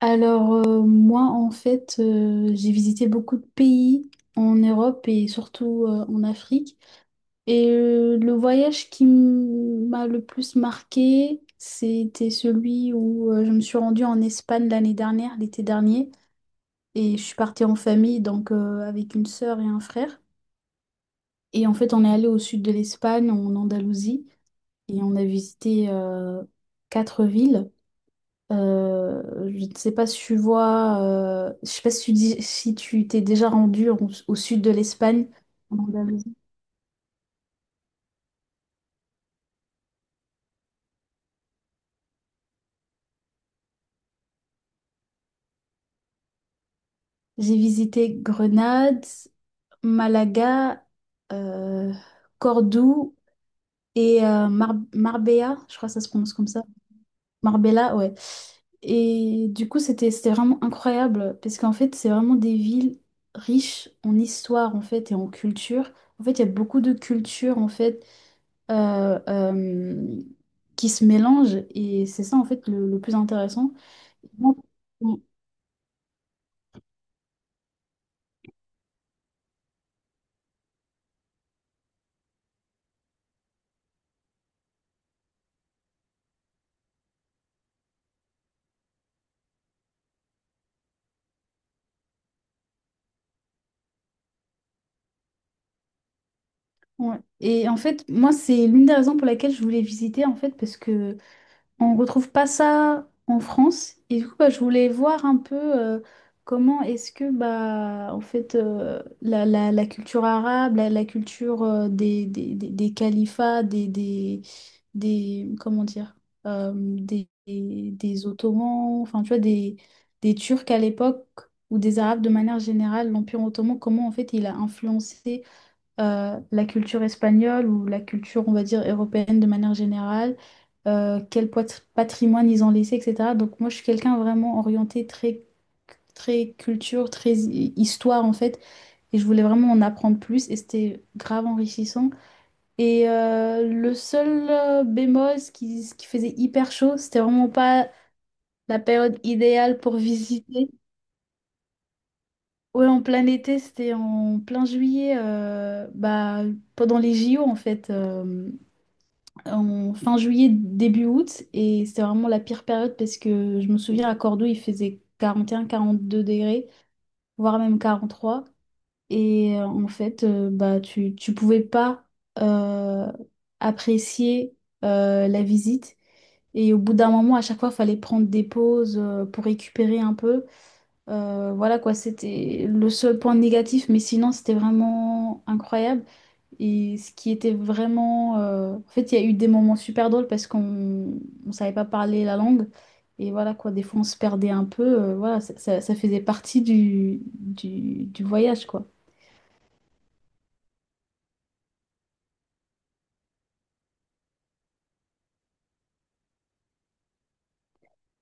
Moi, j'ai visité beaucoup de pays en Europe et surtout en Afrique. Le voyage qui m'a le plus marqué, c'était celui où je me suis rendue en Espagne l'année dernière, l'été dernier. Et je suis partie en famille, donc avec une sœur et un frère. Et en fait, on est allé au sud de l'Espagne, en Andalousie, et on a visité 4 villes. Euh, je ne sais pas si tu vois, je sais pas si si tu t'es déjà au sud de l'Espagne. En Andalousie. J'ai visité Grenade, Malaga, euh, Cordoue et euh, Marbella, je crois que ça se prononce comme ça. Marbella, ouais. Et du coup, c'était vraiment incroyable parce qu'en fait, c'est vraiment des villes riches en histoire en fait et en culture. En fait, il y a beaucoup de culture en fait euh, euh, qui se mélangent et c'est ça en fait le plus intéressant. Moi, on- et en fait, moi, c'est l'une des raisons pour laquelle je voulais visiter en fait parce que On retrouve pas ça en France. Et du coup, bah, je voulais voir un peu comment est-ce que bah, en fait, la culture arabe, la culture euh, des califats, comment dire, des Ottomans, enfin, tu vois, des Turcs à l'époque, ou des Arabes de manière générale, l'Empire ottoman, comment en fait il a influencé la culture espagnole ou la culture, on va dire, européenne de manière générale, euh, patrimoine ils ont laissé, etc. Donc moi, je suis quelqu'un vraiment orienté très, très culture, très histoire, en fait. Et je voulais vraiment en apprendre plus et c'était grave enrichissant. Le seul bémol, ce qui faisait hyper chaud, c'était vraiment pas la période idéale pour visiter. Ouais, en plein été, c'était en plein juillet, pendant les JO en fait. En fin juillet, début août, et c'était vraiment la pire période parce que je me souviens à Cordoue, il faisait 41, 42 degrés, voire même 43. Bah, tu pouvais pas euh, apprécier la visite. Et au bout d'un moment, à chaque fois, il fallait prendre des pauses pour récupérer un peu. Voilà quoi, c'était le seul point négatif, mais sinon, c'était vraiment incroyable. Et ce qui était vraiment... En fait, il y a eu des moments super drôles parce qu'on ne savait pas parler la langue. Et voilà quoi, des fois on se perdait un peu. Voilà, ça faisait partie du voyage quoi.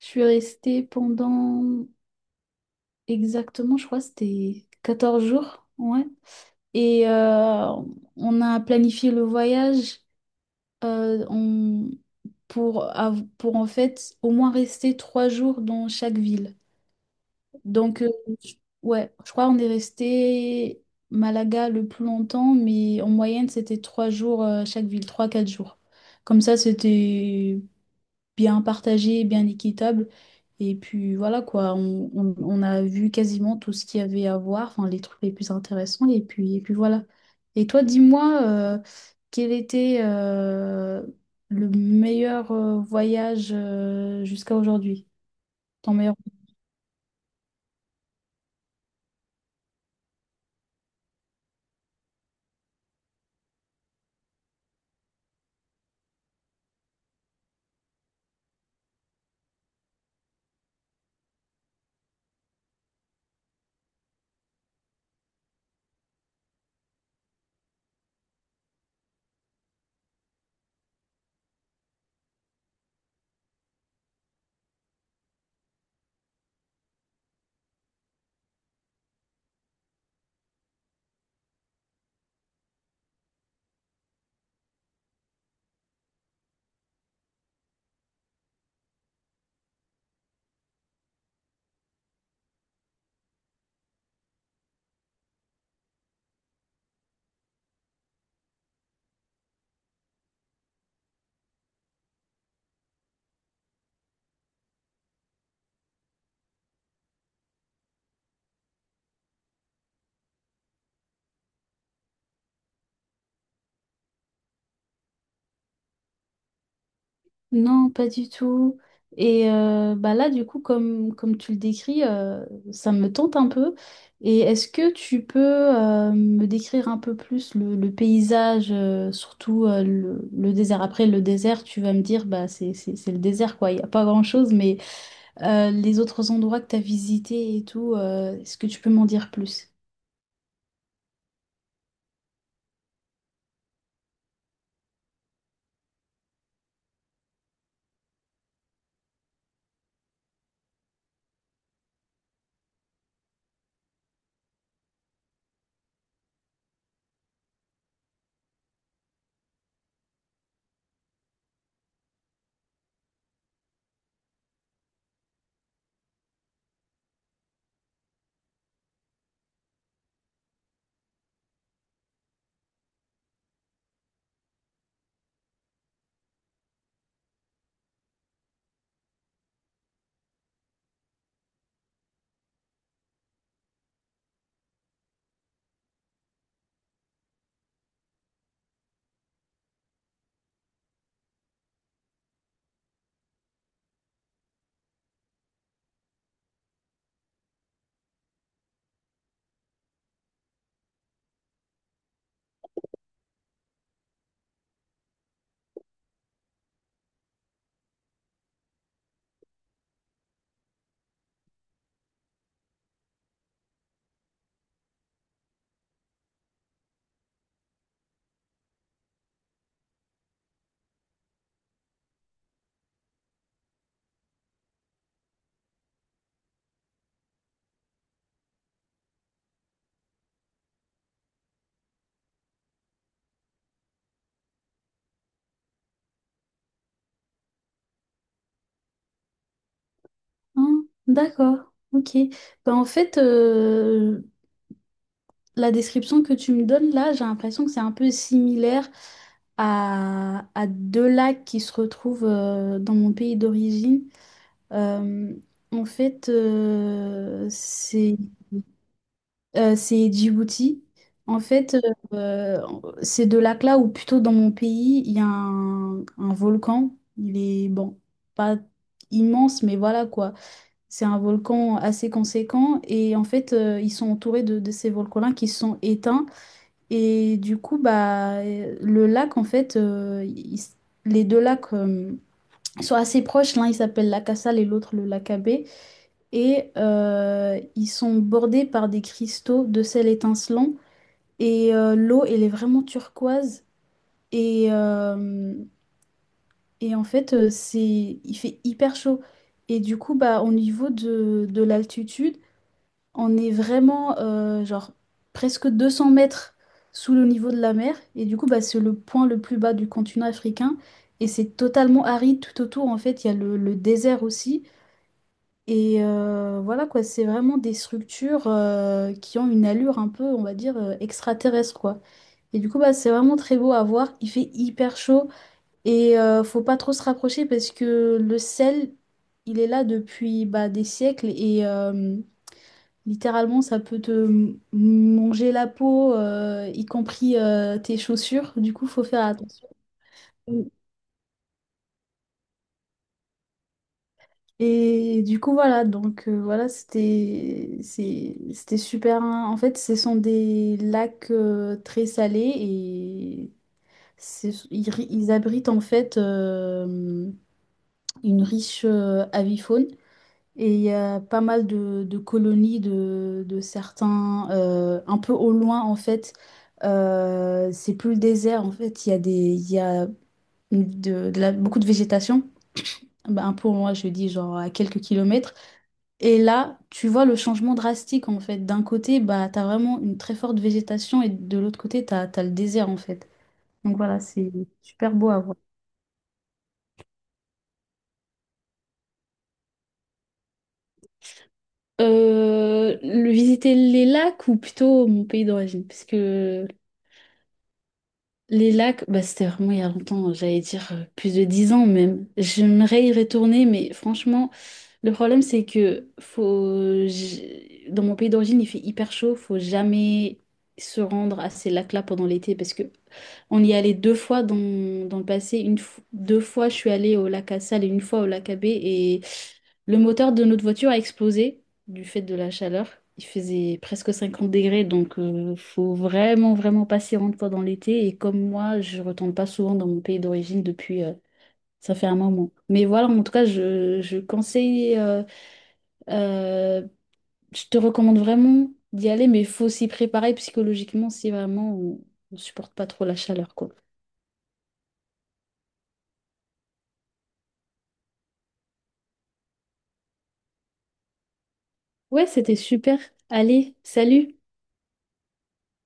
Je suis restée pendant exactement, je crois, c'était 14 jours. Ouais. Et euh, on a planifié le voyage euh, on- pour, pour en fait au moins rester 3 jours dans chaque ville. Donc, je- ouais, je crois qu'on est resté Malaga le plus longtemps, mais en moyenne, c'était 3 jours chaque ville, quatre jours. Comme ça, c'était bien partagé, bien équitable. Et puis voilà quoi, on a vu quasiment tout ce qu'il y avait à voir, enfin les trucs les plus intéressants, et puis voilà. Et toi, dis-moi, quel était le meilleur voyage jusqu'à aujourd'hui? Ton meilleur. Non, pas du tout. Bah là, du coup, comme, comme tu le décris, ça me tente un peu. Et est-ce que tu peux me décrire un peu plus le paysage, surtout le désert? Après, le désert, tu vas me dire, bah, c'est le désert, quoi. Il n'y a pas grand-chose, mais les autres endroits que tu as visités et tout, est-ce que tu peux m'en dire plus? Hein d'accord, ok. Bah, en fait, la description que tu me donnes là, j'ai l'impression que c'est un peu similaire à 2 lacs qui se retrouvent dans mon pays d'origine. Euh, en fait, c'est C'est Djibouti. En fait, euh, euh, Ces 2 lacs-là, ou plutôt dans mon pays, il y a un volcan. Il est, bon, pas immense, mais voilà quoi. C'est un volcan assez conséquent. Et en fait, ils sont entourés de ces volcans-là qui sont éteints. Et du coup, bah, le lac, en fait, il s- les 2 lacs sont assez proches. L'un, il s'appelle lac Cassale et l'autre, le lac Abbé. Ils sont bordés par des cristaux de sel étincelant. L'eau, elle est vraiment turquoise. Et, euh, il fait hyper chaud. Et du coup, bah, au niveau de l'altitude, on est vraiment genre presque 200 mètres sous le niveau de la mer, et du coup bah, c'est le point le plus bas du continent africain, et c'est totalement aride tout autour. En fait il y a le désert aussi, voilà quoi, c'est vraiment des structures qui ont une allure un peu on va dire extraterrestre quoi. Et du coup bah, c'est vraiment très beau à voir, il fait hyper chaud, faut pas trop se rapprocher parce que le sel il est là depuis bah, des siècles, littéralement, ça peut te manger la peau, y compris tes chaussures. Du coup, faut faire attention. Et du coup, voilà. Donc, c'était super. Hein. En fait, ce sont des lacs très salés et ils abritent en fait une riche avifaune. Et il y a pas mal de colonies de certains, un peu au loin en fait. C'est plus le désert en fait. Il y a il y a beaucoup de végétation. Bah, un peu au loin, je dis genre à quelques kilomètres. Et là, tu vois le changement drastique en fait. D'un côté, bah, tu as vraiment une très forte végétation et de l'autre côté, tu as, le désert en fait. Donc voilà, c'est super beau à voir. Le visiter les lacs ou plutôt mon pays d'origine, parce que les lacs, bah, c'était vraiment il y a longtemps, j'allais dire plus de 10 ans même. J'aimerais y retourner, mais franchement, le problème c'est que faut... dans mon pays d'origine, il fait hyper chaud, faut jamais se rendre à ces lacs-là pendant l'été parce que on y est allé 2 fois dans le passé. 2 fois, je suis allée au lac à Salles et une fois au lac à Baie et le moteur de notre voiture a explosé du fait de la chaleur. Il faisait presque 50 degrés, donc faut vraiment, vraiment passer une fois dans l'été. Et comme moi, je retourne pas souvent dans mon pays d'origine depuis, ça fait un moment. Mais voilà, en tout cas, je conseille, euh, je te recommande vraiment d'y aller, mais il faut s'y préparer psychologiquement si vraiment on supporte pas trop la chaleur, quoi. Ouais, c'était super. Allez, salut!